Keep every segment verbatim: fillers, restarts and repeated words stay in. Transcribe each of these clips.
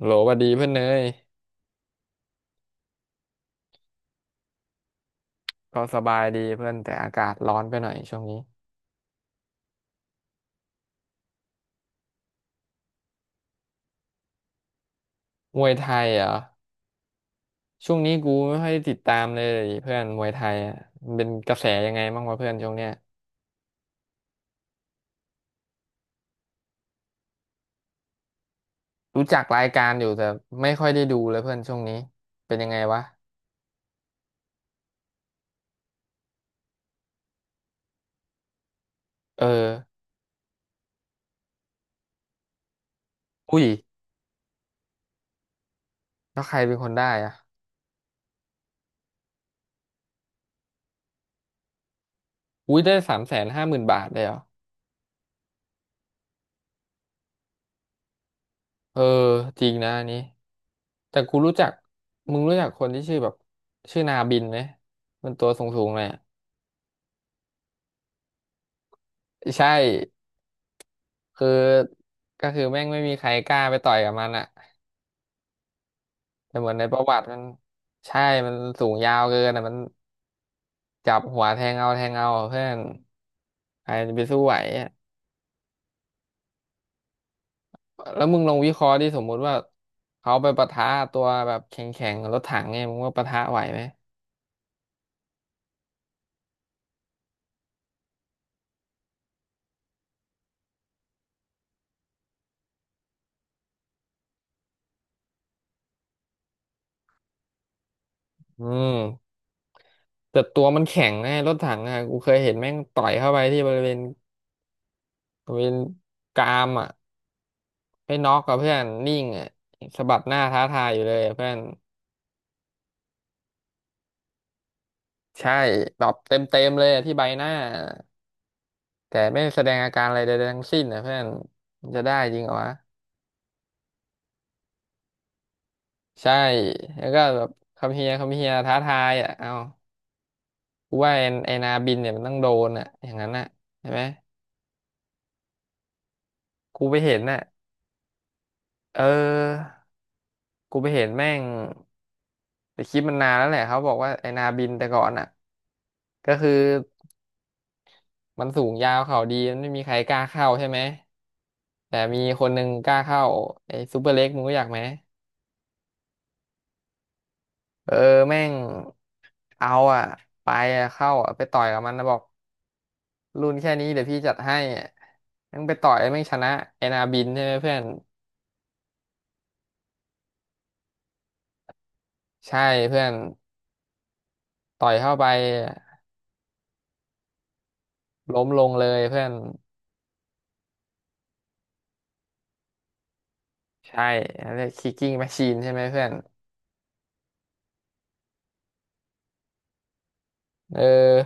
โหลหวัดดีเพื่อนเนยก็สบายดีเพื่อนแต่อากาศร้อนไปหน่อยช่วงนี้มวยไทยเหรอช่วงนี้กูไม่ค่อยติดตามเลยเพื่อนมวยไทยอะมันเป็นกระแสยังไงบ้างวะเพื่อนช่วงเนี้ยรู้จักรายการอยู่แต่ไม่ค่อยได้ดูเลยเพื่อนช่วงนี้เป็นยังไงวะเอออุ้ยแล้วใครเป็นคนได้อะอุ้ยได้สามแสนห้าหมื่นบาทเลยเหรอเออจริงนะอันนี้แต่กูรู้จักมึงรู้จักคนที่ชื่อแบบชื่อนาบินไหมมันตัวสูงๆเลยอะใช่ คือก็คือแม่งไม่มีใครกล้าไปต่อยกับมันอะแต่เหมือนในประวัติมันใช่มันสูงยาวเกินอะมันจับหัวแทงเอาแทงเอาอะเพื่อนใครจะไปสู้ไหวอะแล้วมึงลองวิเคราะห์ดิสมมุติว่าเขาไปปะทะตัวแบบแข็งๆกับรถถังเนี่ยมึงว่าปะทะไหวไหมอืมแต่ตัวมันแข็งไงรถถังอ่ะกูเคยเห็นแม่งต่อยเข้าไปที่บริเวณบริเวณกรามอ่ะไม่น็อกกับเพื่อนนิ่งอ่ะสะบัดหน้าท้าทายอยู่เลยอะเพื่อน ใช่แบบเต็มเต็มเลยอะที่ใบหน้าแต่ไม่แสดงอาการอะไรใดๆทั้งสิ้นนะเพื่อนมันจะได้จริงเหรอวะใช่แล้วก็แบบคำเฮียคำเฮียท้าทายอ่ะเอากูว่าไอ้ไอนาบินเนี่ยมันต้องโดนอ่ะอย่างนั้นอ่ะใช่ไหมกูไปเห็นน่ะเออกูไปเห็นแม่งแต่คลิปมันนานแล้วแหละเขาบอกว่าไอนาบินแต่ก่อนอ่ะก็คือมันสูงยาวเข่าดีมันไม่มีใครกล้าเข้าใช่ไหมแต่มีคนหนึ่งกล้าเข้าไอซูเปอร์เล็กมึงรู้จักไหม เออแม่งเอาอ่ะไปอะเข้าอ่ะไปต่อยกับมันนะบอกรุ่นแค่นี้เดี๋ยวพี่จัดให้อะแม่งไปต่อยแม่งชนะเอนาบินใช่ไหมเพื่อนใช่เพื่อนต่อยเข้าไปล้มลงเลยเพื่อนใช่อันเรียกคิกกิ้งแมชชีนใช่ไหมเพื่อนเออ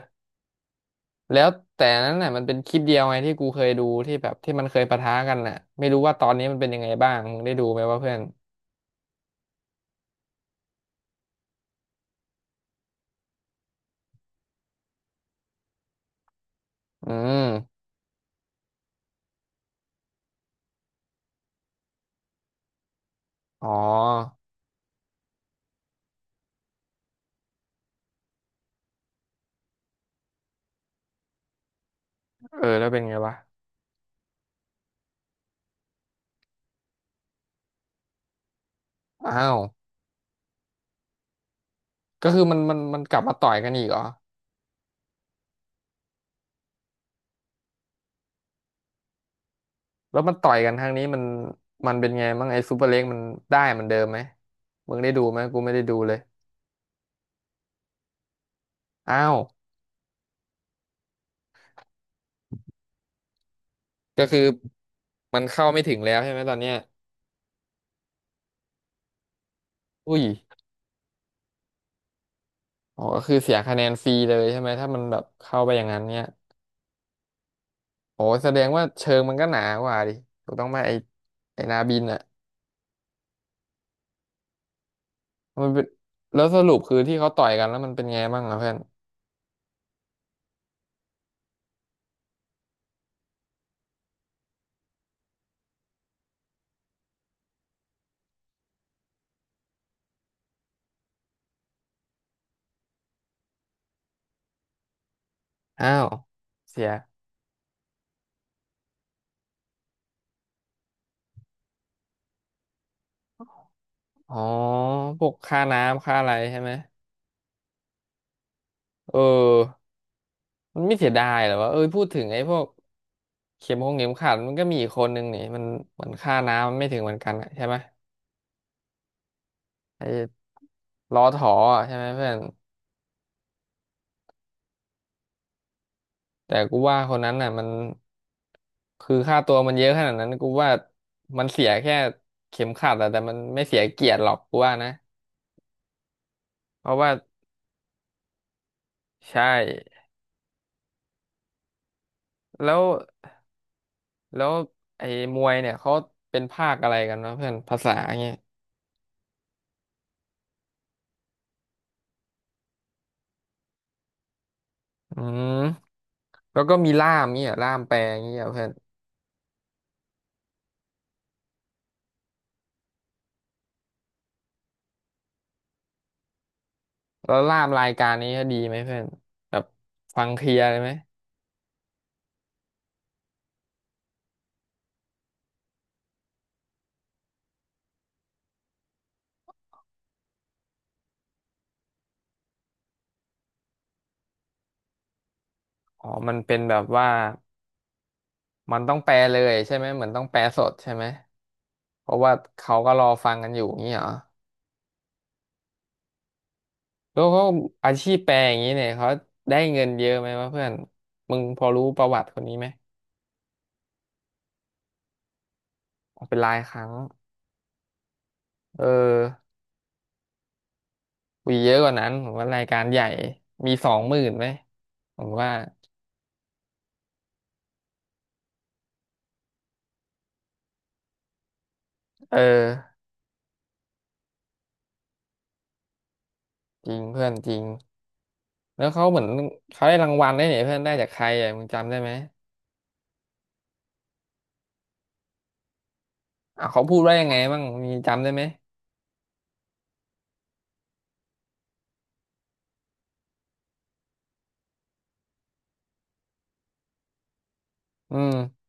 แล้วแต่นั้นน่ะมันเป็นคลิปเดียวไงที่กูเคยดูที่แบบที่มันเคยปะทะกันน่ะไม่รู้ว่าตอนนี้มันเป็นยังไงบ้างมึงได้ดูไหมวะเพื่อนอืมอ๋อเออแล้วเป็นไงวะอ้าว ก็คือมันมันมันกลับมาต่อยกันอีกเหรอแล้วมันต่อยกันครั้งนี้มันมันเป็นไงบ้างไอ้ซูเปอร์เล็กมันได้เหมันเดิมไหมมึงได้ดูไหมกูไม่ได้ดูเลยอ้าวก็คือมันเข้าไม่ถึงแล้วใช่ไหมตอนเนี้ยอุ้ยอ๋อก็คือเสียคะแนนฟรีเลยใช่ไหมถ้ามันแบบเข้าไปอย่างนั้นเนี่ยโอ้แสดงว่าเชิงมันก็หนากว่าดิถูกต้องไหมไอ้ไอ้นาบินอ่ะมันเป็นแล้วสรุปคือที่เขาต่อยกันแล้วมันเป็นไงบ้างอ่ะเพื่อนอ้าวเสียอ๋อพวกค่าน้ำค่าอะไรใช่ไหมเออ มันไม่เสียดายเหรอวะเอ้ยพูดถึงไอ้พวกเข็มหงเข็มขัดมันก็มีอีกคนนึงนี่มันเหมือนค่าน้ำมันไม่ถึงเหมือนกันอะใช่ไหมไอ้ล้อถออะใช่ไหมเพื่อนแต่กูว่าคนนั้นน่ะมันคือค่าตัวมันเยอะขนาดนั้นกูว่ามันเสียแค่เข็มขัดอะแต่มันไม่เสียเกียรติหรอกกูว่านะเพราะว่าใช่แล้วแล้วไอ้มวยเนี่ยเขาเป็นภาคอะไรกันวะเพื่อนภาษาเงี้ยอืมแล้วก็มีล่ามเงี้ยล่ามแปลเงี้ยเพื่อน แล้วลาบรายการนี้ดีไหมเพื่อนแบบฟังเคลียร์เลยไหมอ๋อมันเป็นแบบว่ามันต้องแปลเลยใช่ไหมเหมือนต้องแปลสดใช่ไหมเพราะว่าเขาก็รอฟังกันอยู่อย่างนี้เหรอแล้วเขาอาชีพแปลอย่างนี้เนี่ยเขาได้เงินเยอะไหมวะเพื่อนมึงพอรู้ประวัติคนนี้ไหมอ๋อเป็นรายครั้งเออวีเยอะกว่านั้นผมว่ารายการใหญ่มีสองหมื่นไหมผมว่าเออจริงเพื่อนจริงแล้วเขาเหมือนเขาได้รางวัลได้วยเนี่ยเพื่อนได้จากใครอ่ะมึงจำได้ไหม อ่ะเขาพูดว่ายังไงบ้างมีจำได้ไหมอืม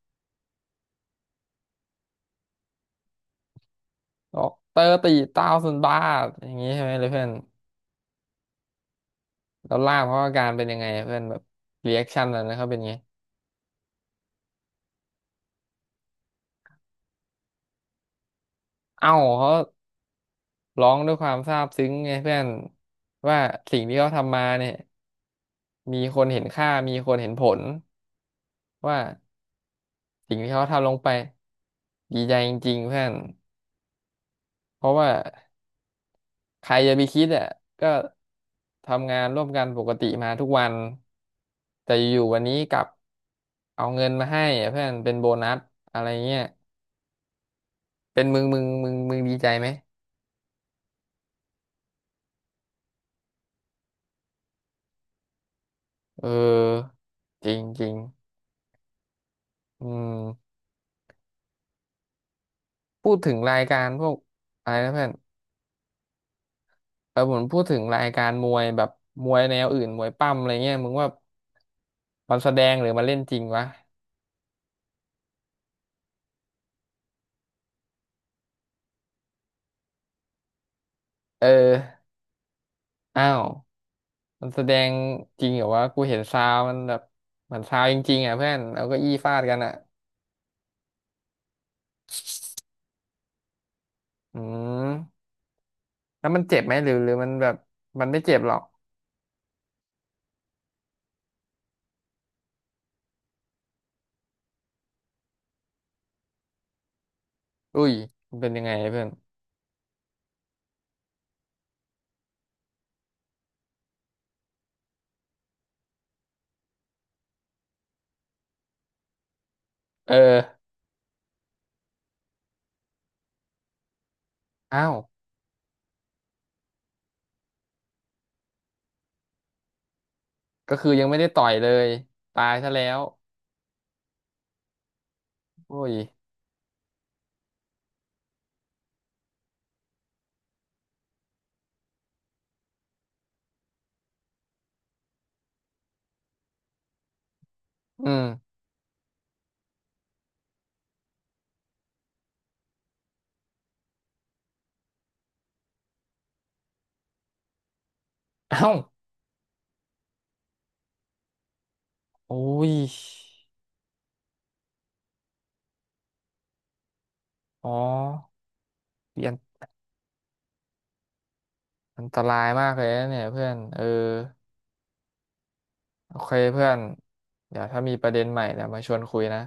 บอกเตอร์ตีเต้าสุนบ้าอย่างนี้ใช่ไหมเลยเพื่อนแล้วล่ามเขาอาการเป็นยังไงเพื่อนแบบรีแอคชั่นอะไรนะเขาเป็นไงเอ้าเขาร้องด้วยความซาบซึ้งไงเพื่อนว่าสิ่งที่เขาทำมาเนี่ยมีคนเห็นค่ามีคนเห็นผลว่าสิ่งที่เขาทำลงไปดีใจจริงๆเพื่อนเพราะว่า ใครจะไปคิดอ่ะก็ทำงานร่วมกันปกติมาทุกวันแต่อยู่ๆวันนี้กลับเอาเงินมาให้อะเพื่อนเป็นโบนัสอะไรเงี้ยเป็นมึงมึงมึงมึงดีใจไหมเออจริงจริงอืมพูดถึงรายการพวกอะไรนะเพื่อนเออผมพูดถึงรายการมวยแบบมวยแนวอื่นมวยปั้มอะไรเงี้ยมึงว่ามันแสดงหรือมันเล่นจริงวะเอออ้าว มันแสดงจริงเหรอวะกูเห็นซาวมันแบบเหมือนซาวจริงๆอ่ะเพื่อนเอาเก็อี้ฟาดกันอ่ะอืมแล้วมันเจ็บไหมหรือหรือมันแบบมันไม่เจ็บหรอกอุ้ยมันเป็นยังไงเพื่อนเอออ้าวก็คือยังไม่ได้ต่อยเลยตายซะแล้วอุ้ยอืมเอ้าโอ้ยอ๋อเปลี่ยนอันตรายมากเลยนะเนี่ยเพื่อนเออโอเคเพื่อนเดี๋ยวถ้ามีประเด็นใหม่เดี๋ยวมาชวนคุยนะ